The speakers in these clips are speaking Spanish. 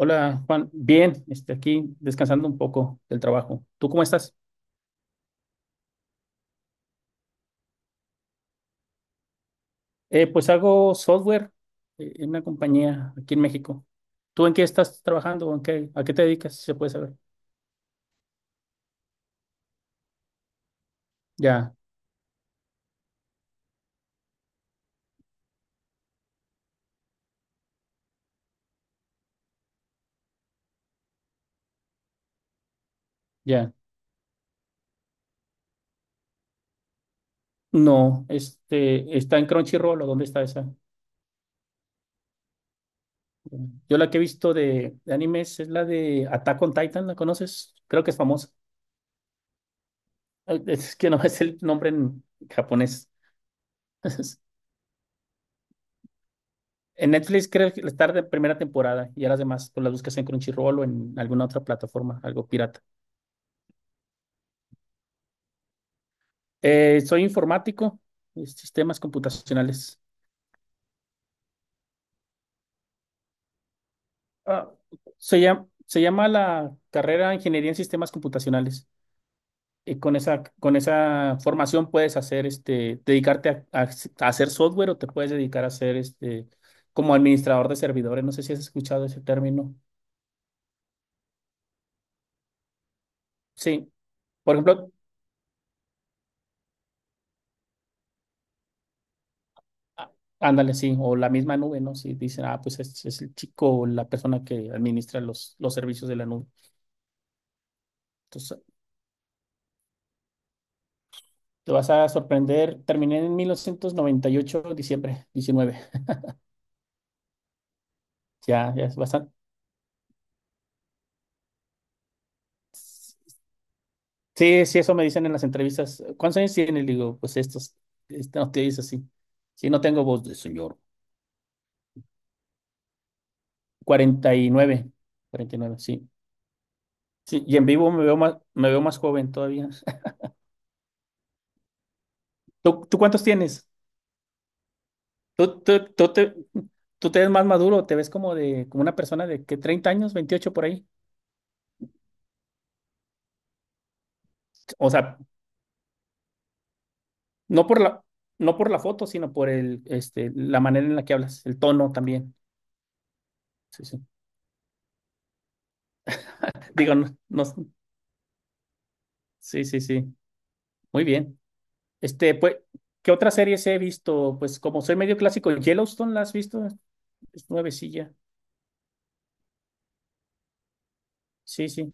Hola Juan, bien, aquí descansando un poco del trabajo. ¿Tú cómo estás? Pues hago software en una compañía aquí en México. ¿Tú en qué estás trabajando, o en qué, a qué te dedicas? Si se puede saber. Ya, ya. No, ¿está en Crunchyroll o dónde está esa? Yo la que he visto de animes es la de Attack on Titan. ¿La conoces? Creo que es famosa. Es que no es el nombre en japonés. En Netflix creo que estar de primera temporada, y ya las demás pues las buscas en Crunchyroll o en alguna otra plataforma, algo pirata. Soy informático, sistemas computacionales. Ah, se llama la carrera Ingeniería en Sistemas Computacionales. Con esa formación puedes hacer dedicarte a hacer software, o te puedes dedicar a ser como administrador de servidores. No sé si has escuchado ese término. Sí. Por ejemplo, ah, ándale, sí, o la misma nube, ¿no? Si dicen, ah, pues es el chico o la persona que administra los servicios de la nube. Entonces, te vas a sorprender. Terminé en 1998, diciembre 19. Ya, ya es bastante. Sí, sí, eso me dicen en las entrevistas. ¿Cuántos años tienes? Le digo, pues estos, no te dices así. Sí, no tengo voz de señor. 49. 49, sí. Sí, y en vivo me veo más joven todavía. ¿Tú cuántos tienes? Tú, tú, tú te, tú te ves más maduro, te ves como una persona de que 30 años, 28 por ahí. O sea, no por la, no por la foto, sino por la manera en la que hablas, el tono también. Sí, sí. Digo, no, no, sí, sí, sí. Muy bien. Pues, ¿qué otras series he visto? Pues como soy medio clásico, Yellowstone, ¿la has visto? Es nuevecilla. Sí, sí,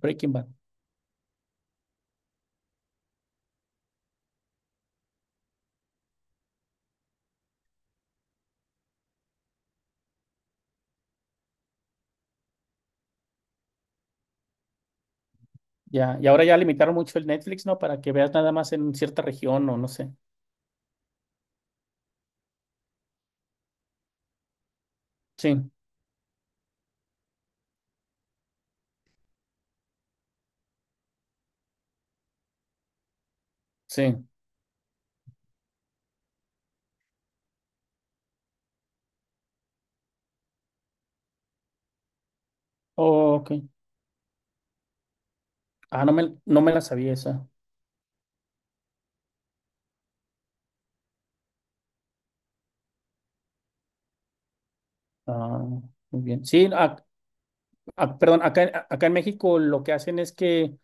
Breaking Bad. Ya, y ahora ya limitaron mucho el Netflix, ¿no? Para que veas nada más en cierta región o no sé. Sí, sí. Ok. Ah, no me la sabía esa. Ah, muy bien. Sí, perdón, acá en México lo que hacen es que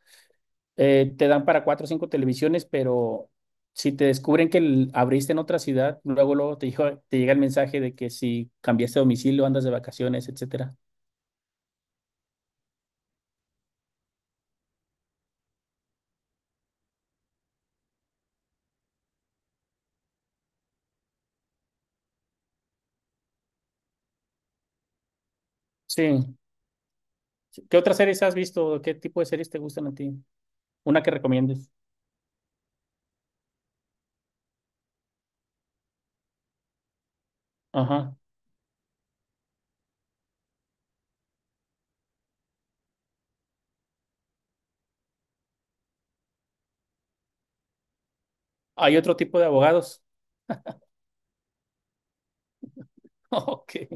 te dan para cuatro o cinco televisiones, pero si te descubren que abriste en otra ciudad, luego te llega el mensaje de que si cambiaste de domicilio, andas de vacaciones, etcétera. Sí. ¿Qué otras series has visto? ¿Qué tipo de series te gustan a ti? Una que recomiendes. Ajá. ¿Hay otro tipo de abogados? Ok.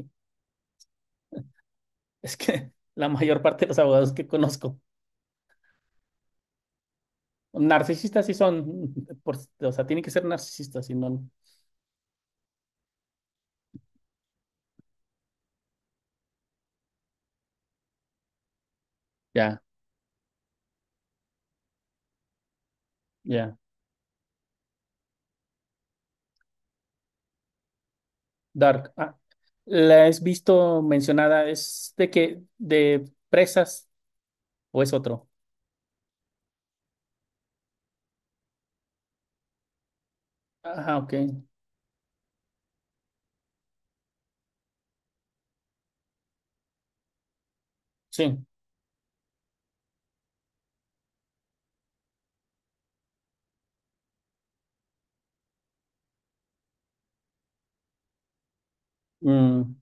Es que la mayor parte de los abogados que conozco. Narcisistas sí son, o sea, tienen que ser narcisistas, si no, ya, ya. Dark. Ah, la has visto mencionada. ¿Es de que, de presas o es otro? Ajá, ok, sí. Mm,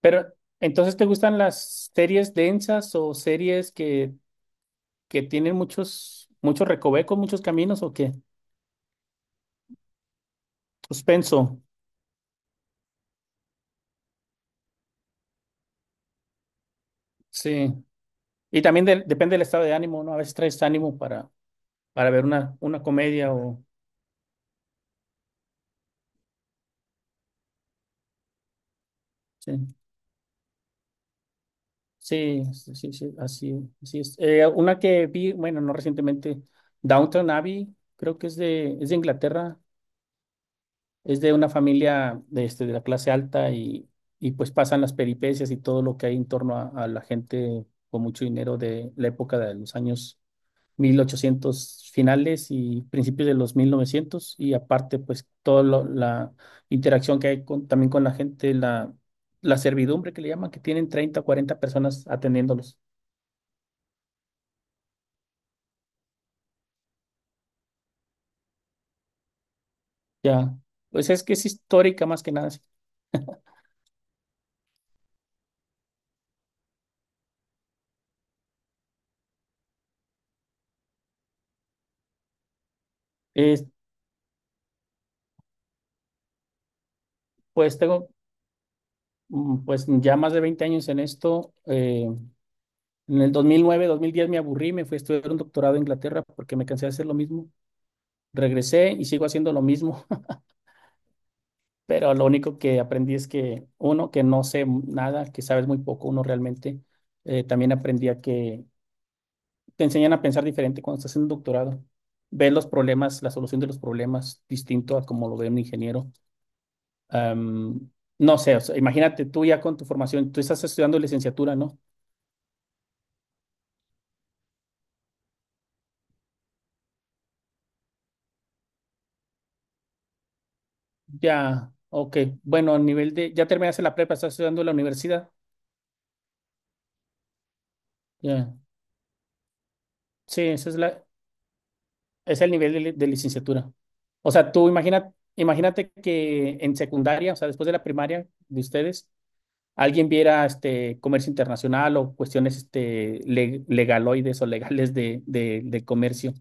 pero, ¿entonces te gustan las series densas o series que tienen muchos recovecos, muchos caminos o qué? Suspenso, sí. Y también depende del estado de ánimo, ¿no? A veces traes ánimo para, una comedia o... Sí. Sí, sí, sí, sí, así, así es. Una que vi, bueno, no recientemente, Downton Abbey, creo que es de Inglaterra. Es de una familia de, de la clase alta, pues pasan las peripecias y todo lo que hay en torno a la gente con mucho dinero, de la época de los años 1800 finales y principios de los 1900, y aparte pues toda la interacción que hay con, también con la gente, la servidumbre que le llaman, que tienen 30, 40 personas atendiéndolos. Ya, pues es que es histórica más que nada. Sí. Eh, pues tengo, pues ya más de 20 años en esto. En el 2009, 2010 me aburrí, me fui a estudiar un doctorado en Inglaterra porque me cansé de hacer lo mismo. Regresé y sigo haciendo lo mismo, pero lo único que aprendí es que uno, que no sé nada, que sabes muy poco uno realmente. También aprendí a que te enseñan a pensar diferente cuando estás en un doctorado. Ves los problemas, la solución de los problemas, distinto a como lo ve un ingeniero. Am, no sé, o sea, imagínate, tú ya con tu formación, tú estás estudiando licenciatura, ¿no? Ya, ok, bueno, a nivel de, ya terminaste la prepa, estás estudiando en la universidad, ya. Sí, ese es el nivel de, de licenciatura. O sea, tú imagina, imagínate que en secundaria, o sea, después de la primaria de ustedes, alguien viera comercio internacional, o cuestiones legaloides o legales del comercio.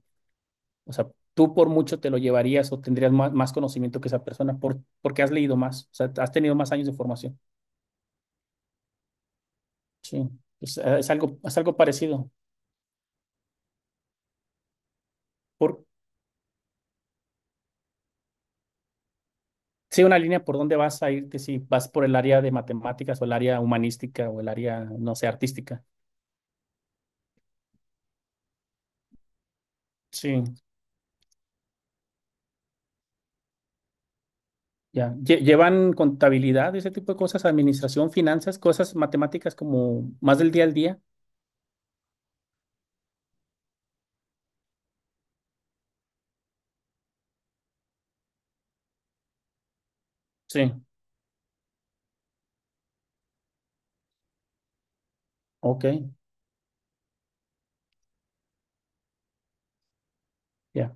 O sea, tú por mucho te lo llevarías o tendrías más conocimiento que esa persona, porque has leído más, o sea, has tenido más años de formación. Sí, es algo parecido. Por, sí, una línea por dónde vas a irte, si vas por el área de matemáticas, o el área humanística, o el área, no sé, artística. Sí, ya. ¿Llevan contabilidad, ese tipo de cosas, administración, finanzas, cosas matemáticas como más del día al día? Sí, ok, ya.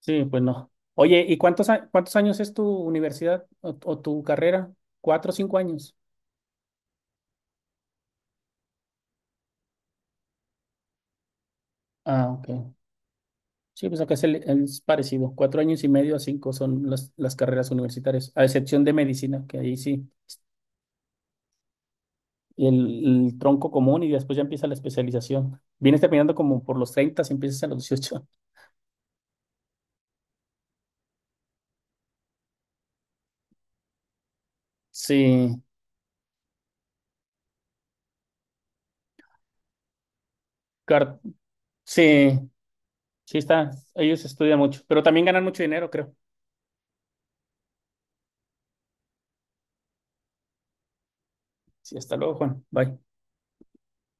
Sí, pues no. Oye, ¿y cuántos, cuántos años es tu universidad o tu carrera? ¿Cuatro o cinco años? Ah, ok. Sí, pues acá es parecido. Cuatro años y medio a cinco son las carreras universitarias, a excepción de medicina, que ahí sí, el tronco común y después ya empieza la especialización. Vienes terminando como por los 30, si empiezas a los 18. Sí, car- sí, sí está. Ellos estudian mucho, pero también ganan mucho dinero, creo. Sí, hasta luego, Juan. Bye.